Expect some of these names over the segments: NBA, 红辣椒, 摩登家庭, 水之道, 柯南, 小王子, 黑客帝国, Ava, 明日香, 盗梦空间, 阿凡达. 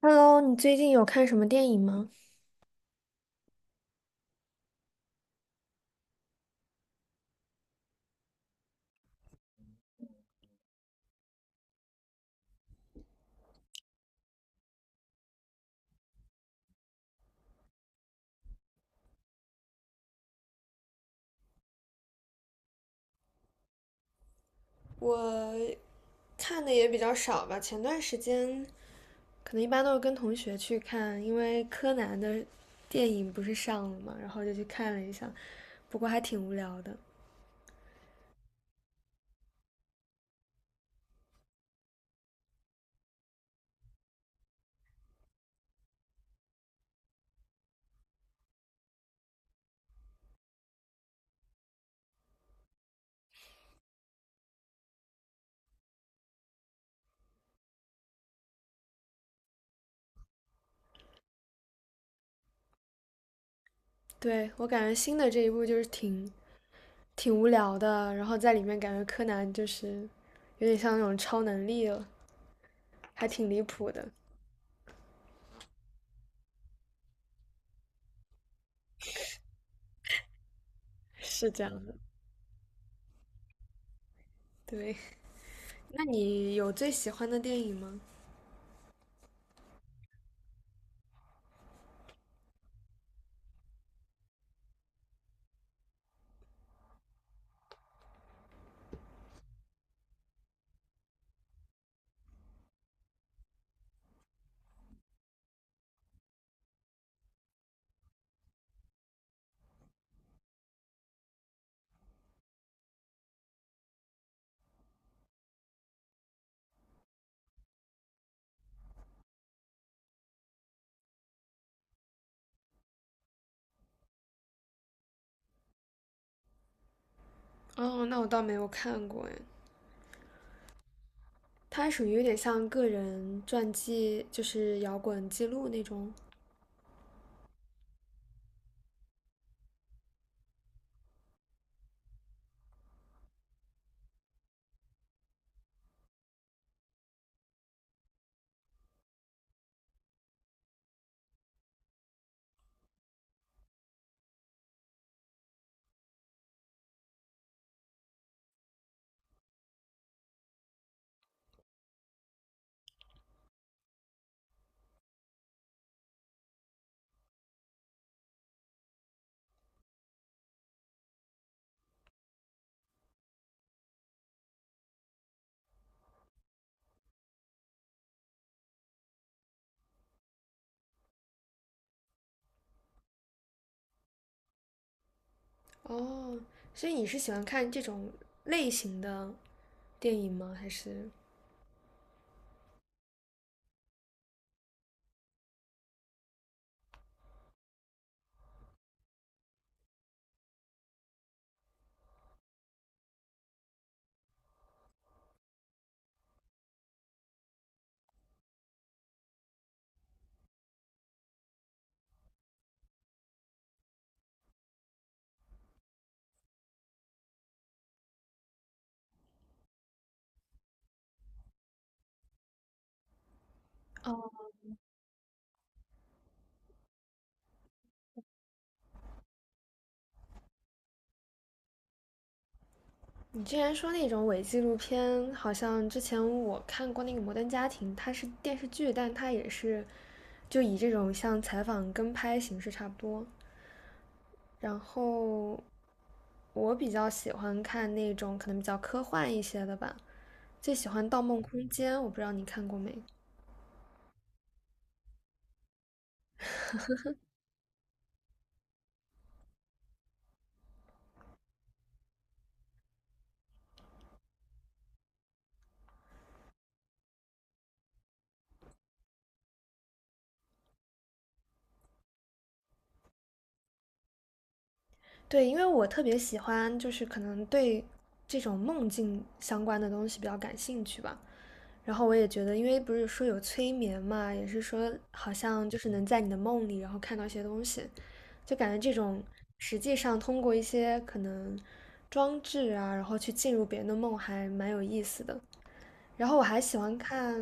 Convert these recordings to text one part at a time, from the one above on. Hello，你最近有看什么电影吗？我看的也比较少吧，前段时间可能一般都是跟同学去看，因为柯南的电影不是上了嘛，然后就去看了一下，不过还挺无聊的。对，我感觉新的这一部就是挺无聊的，然后在里面感觉柯南就是有点像那种超能力了，还挺离谱的。是这样的，对。那你有最喜欢的电影吗？哦，那我倒没有看过哎。它属于有点像个人传记，就是摇滚记录那种。哦，所以你是喜欢看这种类型的电影吗？还是你之前说那种伪纪录片？好像之前我看过那个《摩登家庭》，它是电视剧，但它也是就以这种像采访跟拍形式差不多。然后我比较喜欢看那种可能比较科幻一些的吧，最喜欢《盗梦空间》，我不知道你看过没？对，因为我特别喜欢，就是可能对这种梦境相关的东西比较感兴趣吧。然后我也觉得，因为不是说有催眠嘛，也是说好像就是能在你的梦里，然后看到一些东西，就感觉这种实际上通过一些可能装置啊，然后去进入别人的梦，还蛮有意思的。然后我还喜欢看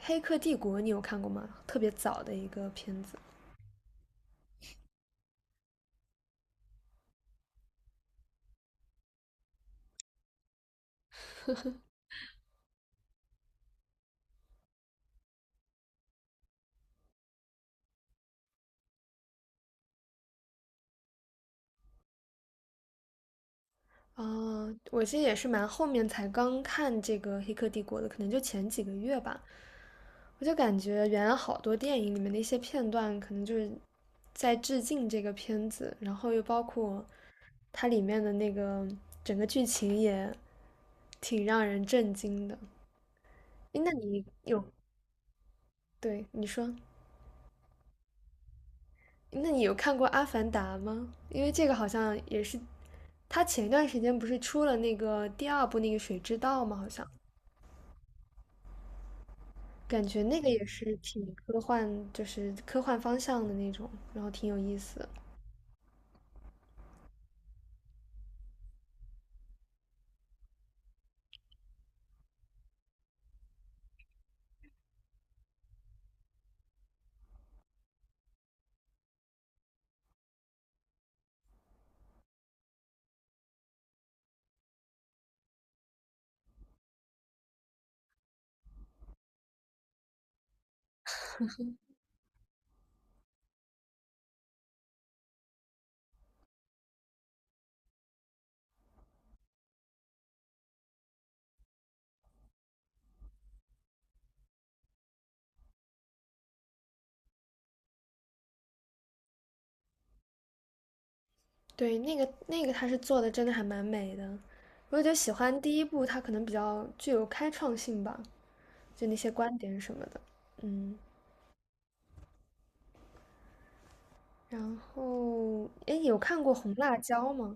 《黑客帝国》，你有看过吗？特别早的一个片子。哦，我其实也是蛮后面才刚看这个《黑客帝国》的，可能就前几个月吧。我就感觉原来好多电影里面的一些片段，可能就是在致敬这个片子，然后又包括它里面的那个整个剧情也挺让人震惊的。诶那你有，对，你说，那你有看过《阿凡达》吗？因为这个好像也是，它前一段时间不是出了那个第二部那个《水之道》吗？好像。感觉那个也是挺科幻，就是科幻方向的那种，然后挺有意思的。对，那个他是做的真的还蛮美的，我就喜欢第一部，它可能比较具有开创性吧，就那些观点什么的。嗯，然后诶，有看过《红辣椒》吗？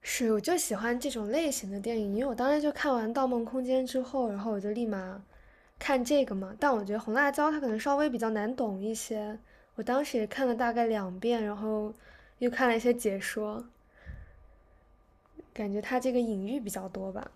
是，我就喜欢这种类型的电影，因为我当时就看完《盗梦空间》之后，然后我就立马看这个嘛。但我觉得《红辣椒》它可能稍微比较难懂一些，我当时也看了大概两遍，然后又看了一些解说，感觉它这个隐喻比较多吧。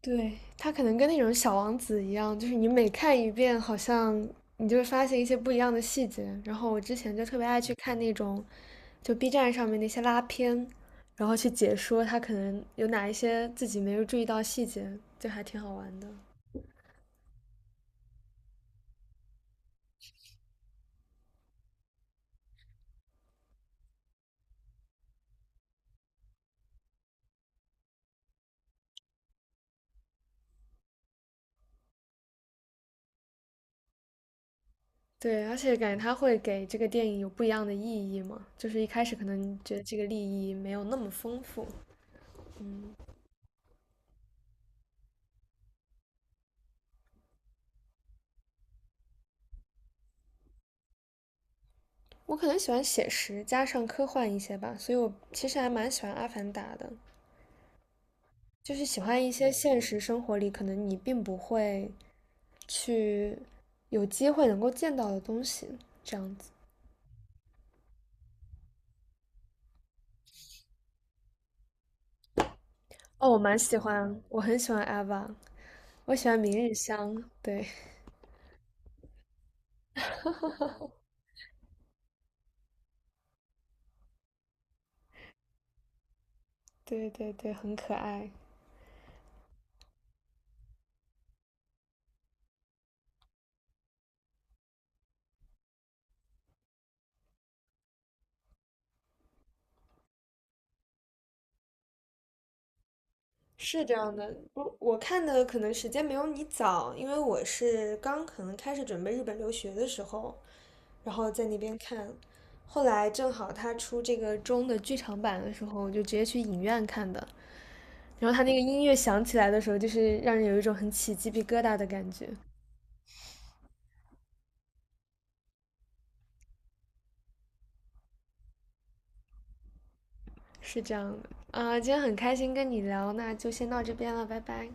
对，他可能跟那种小王子一样，就是你每看一遍，好像你就会发现一些不一样的细节。然后我之前就特别爱去看那种，就 B 站上面那些拉片，然后去解说他可能有哪一些自己没有注意到细节，就还挺好玩的。对，而且感觉他会给这个电影有不一样的意义嘛，就是一开始可能觉得这个利益没有那么丰富。我可能喜欢写实加上科幻一些吧，所以我其实还蛮喜欢《阿凡达》的。就是喜欢一些现实生活里可能你并不会去有机会能够见到的东西，这样子。哦，我蛮喜欢，我很喜欢 Ava，我喜欢明日香，对，对对对，很可爱。是这样的，我看的可能时间没有你早，因为我是刚可能开始准备日本留学的时候，然后在那边看，后来正好他出这个中的剧场版的时候，我就直接去影院看的，然后他那个音乐响起来的时候，就是让人有一种很起鸡皮疙瘩的感觉，是这样的，啊、今天很开心跟你聊，那就先到这边了，拜拜。